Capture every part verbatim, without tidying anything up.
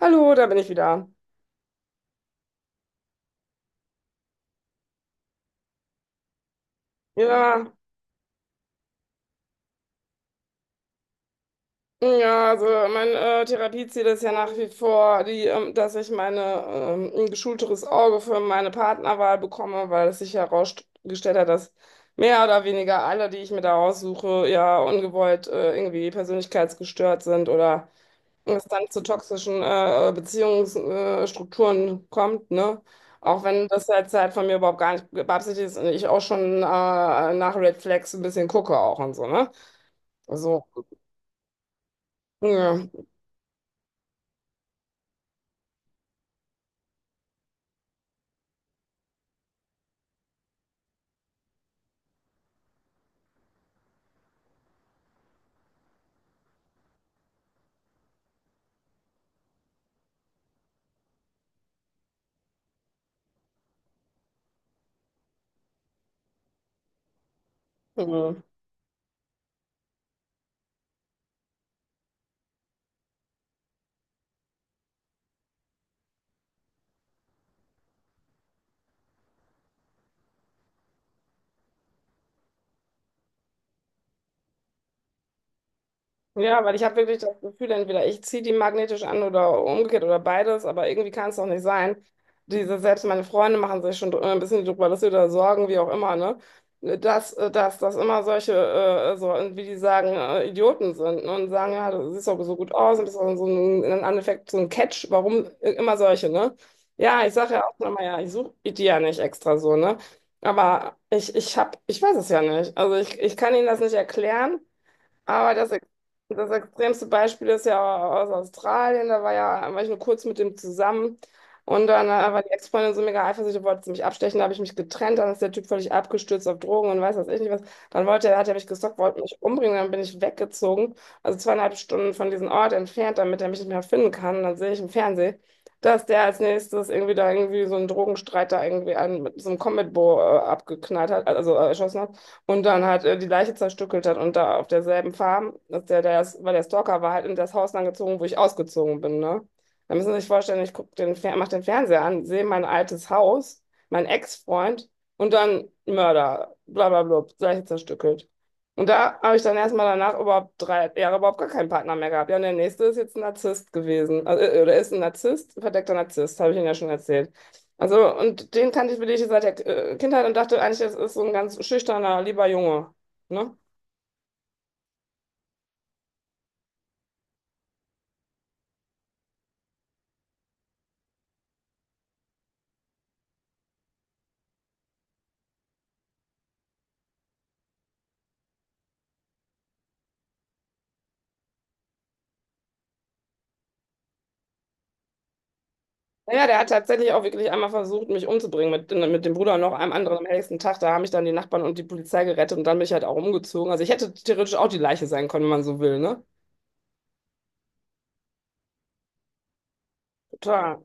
Hallo, da bin ich wieder. Ja, ja, also mein äh, Therapieziel ist ja nach wie vor, die, ähm, dass ich meine, ähm, ein geschulteres Auge für meine Partnerwahl bekomme, weil es sich herausgestellt hat, dass mehr oder weniger alle, die ich mir da aussuche, ja ungewollt äh, irgendwie persönlichkeitsgestört sind oder es dann zu toxischen äh, Beziehungsstrukturen äh, Strukturen kommt, ne? Auch wenn das jetzt halt von mir überhaupt gar nicht beabsichtigt ist und ich auch schon äh, nach Red Flags ein bisschen gucke auch und so, ne? So, ja, ja. Ja, weil ich habe wirklich das Gefühl, entweder ich ziehe die magnetisch an oder umgekehrt oder beides, aber irgendwie kann es doch nicht sein. Diese, selbst meine Freunde machen sich schon dr- äh, ein bisschen drüber lustig oder Sorgen, wie auch immer, ne? Dass, äh, dass, dass immer solche, äh, so, äh, wie die sagen, äh, Idioten sind, ne? Und sagen, ja, du siehst doch so gut aus und bist doch so ein, im Endeffekt so ein Catch, warum äh, immer solche, ne? Ja, ich sage ja auch nochmal, ja, ich suche die ja nicht extra so, ne? Aber ich, ich hab, ich weiß es ja nicht. Also ich, ich kann ihnen das nicht erklären. Aber das, ex- das extremste Beispiel ist ja aus Australien. Da war ja, war ich nur kurz mit dem zusammen. Und dann äh, war die Ex-Freundin so mega eifersüchtig, wollte sie mich abstechen. Da habe ich mich getrennt. Dann ist der Typ völlig abgestürzt auf Drogen und weiß was ich nicht was. Dann wollte er, hat er mich gestalkt, wollte mich umbringen. Dann bin ich weggezogen. Also zweieinhalb Stunden von diesem Ort entfernt, damit er mich nicht mehr finden kann. Und dann sehe ich im Fernsehen, dass der als nächstes irgendwie da irgendwie so einen Drogenstreit da irgendwie einen mit so einem Combat Bow äh, abgeknallt hat, also äh, erschossen hat und dann halt äh, die Leiche zerstückelt hat und da auf derselben Farm, dass der, der, ist, weil der Stalker war halt in das Haus dann gezogen, wo ich ausgezogen bin, ne? Da müssen Sie sich vorstellen, ich guck den, Fer- mach den Fernseher an, sehe mein altes Haus, mein Ex-Freund und dann Mörder, bla bla bla, Leiche zerstückelt. Und da habe ich dann erstmal danach überhaupt drei Jahre überhaupt gar keinen Partner mehr gehabt. Ja, und der nächste ist jetzt ein Narzisst gewesen. Also, äh, oder ist ein Narzisst, verdeckter Narzisst, habe ich Ihnen ja schon erzählt. Also, und den kannte ich wirklich seit der äh, Kindheit und dachte eigentlich, das ist so ein ganz schüchterner, lieber Junge. Ne? Naja, der hat tatsächlich auch wirklich einmal versucht, mich umzubringen mit, ne, mit dem Bruder und noch einem anderen am nächsten Tag. Da haben mich dann die Nachbarn und die Polizei gerettet und dann bin ich halt auch umgezogen. Also ich hätte theoretisch auch die Leiche sein können, wenn man so will, ne? Total.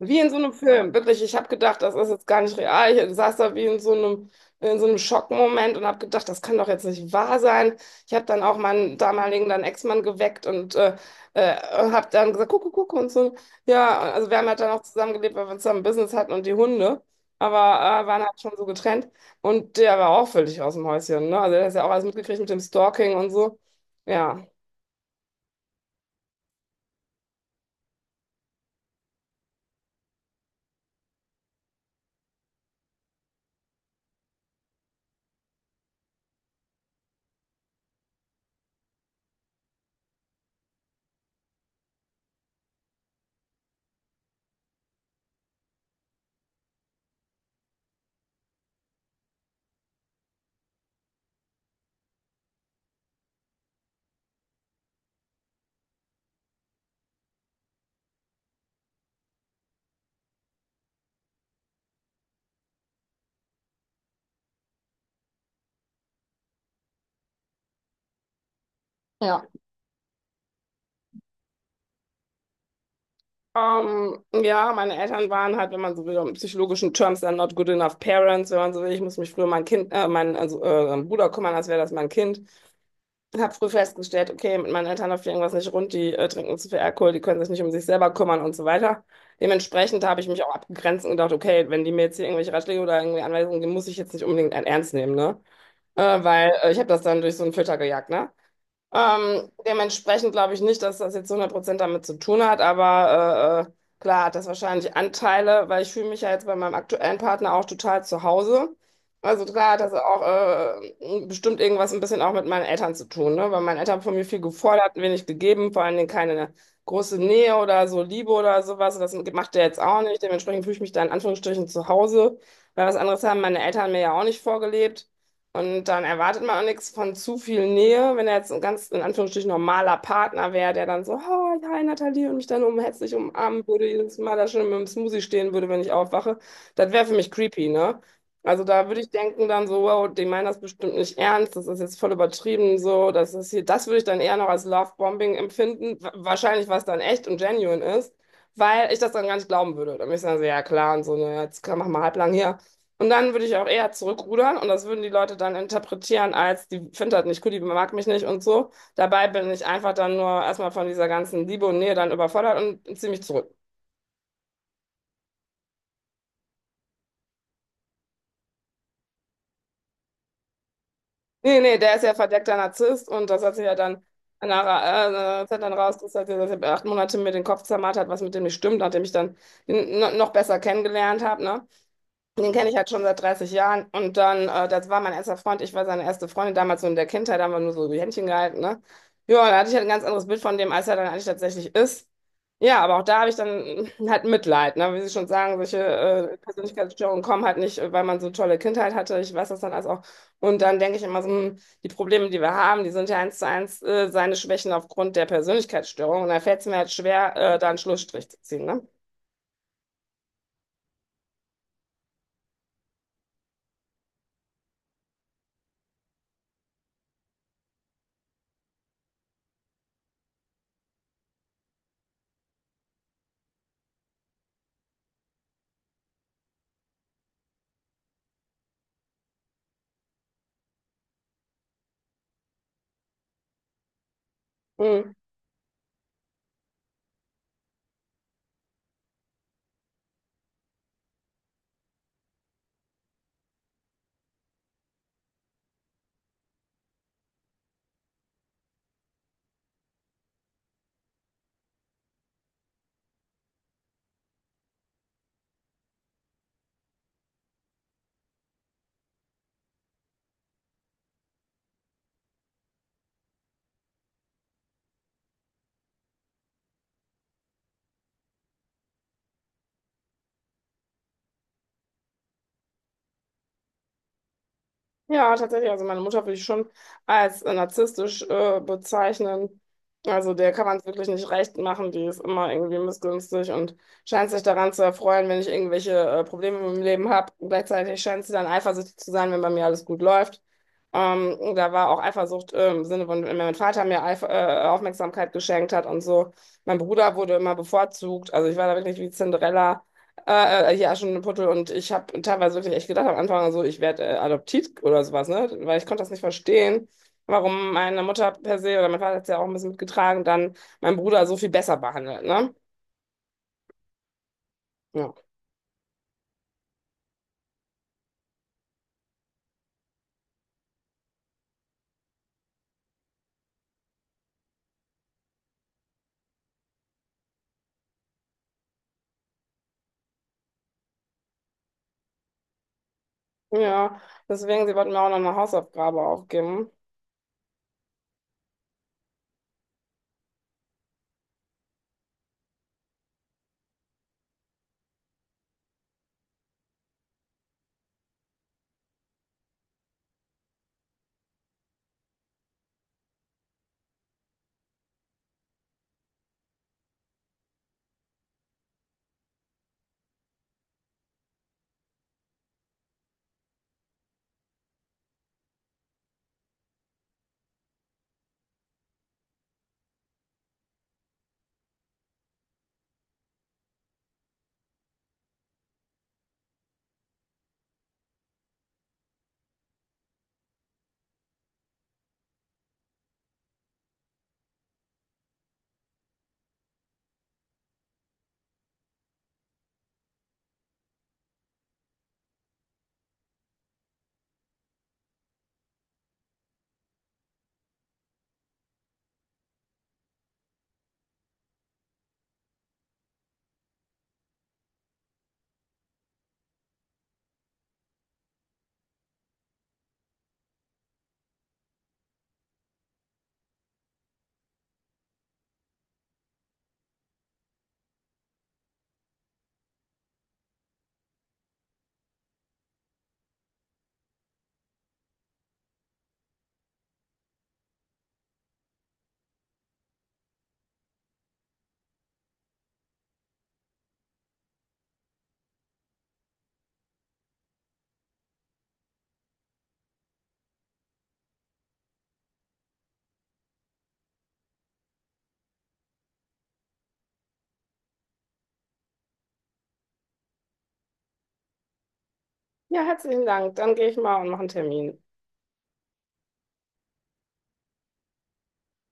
Wie in so einem Film, wirklich. Ich habe gedacht, das ist jetzt gar nicht real. Ich saß da wie in so einem, in so einem Schockmoment und habe gedacht, das kann doch jetzt nicht wahr sein. Ich habe dann auch meinen damaligen dann Ex-Mann geweckt und äh, äh, habe dann gesagt, guck, guck, guck und so. Ja, also wir haben halt dann auch zusammengelebt, weil wir zusammen Business hatten und die Hunde, aber äh, waren halt schon so getrennt. Und der war auch völlig aus dem Häuschen, ne? Also der hat ja auch alles mitgekriegt mit dem Stalking und so. Ja. Ja. Ähm, ja, meine Eltern waren halt, wenn man so will, in psychologischen Terms, dann not good enough parents, wenn man so will. Ich muss mich früher um mein Kind, äh, mein, also, äh, Bruder kümmern, als wäre das mein Kind. Ich habe früh festgestellt, okay, mit meinen Eltern läuft irgendwas nicht rund, die äh, trinken zu viel Alkohol, die können sich nicht um sich selber kümmern und so weiter. Dementsprechend habe ich mich auch abgegrenzt und gedacht, okay, wenn die mir jetzt hier irgendwelche Ratschläge oder irgendwie Anweisungen geben, muss ich jetzt nicht unbedingt ernst nehmen, ne? Äh, weil äh, ich habe das dann durch so einen Filter gejagt, ne? Ähm, dementsprechend glaube ich nicht, dass das jetzt hundert Prozent damit zu tun hat, aber äh, äh, klar hat das wahrscheinlich Anteile, weil ich fühle mich ja jetzt bei meinem aktuellen Partner auch total zu Hause. Also klar hat das auch äh, bestimmt irgendwas ein bisschen auch mit meinen Eltern zu tun, ne? Weil meine Eltern von mir viel gefordert, wenig gegeben, vor allen Dingen keine große Nähe oder so Liebe oder sowas. Das macht der jetzt auch nicht. Dementsprechend fühle ich mich da in Anführungsstrichen zu Hause, weil was anderes haben meine Eltern mir ja auch nicht vorgelebt. Und dann erwartet man auch nichts von zu viel Nähe, wenn er jetzt ein ganz, in Anführungsstrichen, normaler Partner wäre, der dann so, hi hi Nathalie, und mich dann um herzlich umarmen würde, jedes Mal da schon mit dem Smoothie stehen würde, wenn ich aufwache. Das wäre für mich creepy, ne? Also da würde ich denken dann so, wow, die meinen das bestimmt nicht ernst, das ist jetzt voll übertrieben, so, das ist hier, das würde ich dann eher noch als Lovebombing empfinden, wa- wahrscheinlich was dann echt und genuine ist, weil ich das dann gar nicht glauben würde. Dann würde ich sagen, so, ja klar, und so, ne, jetzt kann- mach mal halblang hier. Und dann würde ich auch eher zurückrudern und das würden die Leute dann interpretieren als, die findet das nicht cool, die mag mich nicht und so. Dabei bin ich einfach dann nur erstmal von dieser ganzen Liebe und Nähe dann überfordert und ziehe mich zurück. Nee, nee, der ist ja verdeckter Narzisst und das hat sich ja dann nachher, äh, hat dann rauskristallisiert, dass er acht Monate mir den Kopf zermartert hat, was mit dem nicht stimmt, nachdem ich dann ihn no- noch besser kennengelernt habe, ne? Den kenne ich halt schon seit dreißig Jahren. Und dann, äh, das war mein erster Freund. Ich war seine erste Freundin damals so in der Kindheit, da haben wir nur so die Händchen gehalten, ne? Ja, da hatte ich halt ein ganz anderes Bild von dem, als er dann eigentlich tatsächlich ist. Ja, aber auch da habe ich dann halt Mitleid, ne? Wie Sie schon sagen, solche äh, Persönlichkeitsstörungen kommen halt nicht, weil man so eine tolle Kindheit hatte. Ich weiß das dann alles auch. Und dann denke ich immer so, hm, die Probleme, die wir haben, die sind ja eins zu eins äh, seine Schwächen aufgrund der Persönlichkeitsstörung. Und da fällt es mir halt schwer, äh, da einen Schlussstrich zu ziehen, ne? Hm. Ja, tatsächlich. Also meine Mutter würde ich schon als äh, narzisstisch äh, bezeichnen. Also der kann man es wirklich nicht recht machen. Die ist immer irgendwie missgünstig und scheint sich daran zu erfreuen, wenn ich irgendwelche äh, Probleme im Leben habe. Gleichzeitig scheint sie dann eifersüchtig zu sein, wenn bei mir alles gut läuft. Ähm, da war auch Eifersucht äh, im Sinne von, wenn mein Vater mir Eif äh, Aufmerksamkeit geschenkt hat und so. Mein Bruder wurde immer bevorzugt. Also ich war da wirklich wie Cinderella. Äh, äh, ja, schon in Portugal. Und ich habe teilweise wirklich echt gedacht am Anfang, so, ich werde äh, adoptiert oder sowas, ne? Weil ich konnte das nicht verstehen, warum meine Mutter per se oder mein Vater hat es ja auch ein bisschen mitgetragen, dann mein Bruder so viel besser behandelt, ne? Ja. Ja, deswegen, sie wollten mir auch noch eine Hausaufgabe aufgeben. Ja, herzlichen Dank. Dann gehe ich mal und mache einen Termin.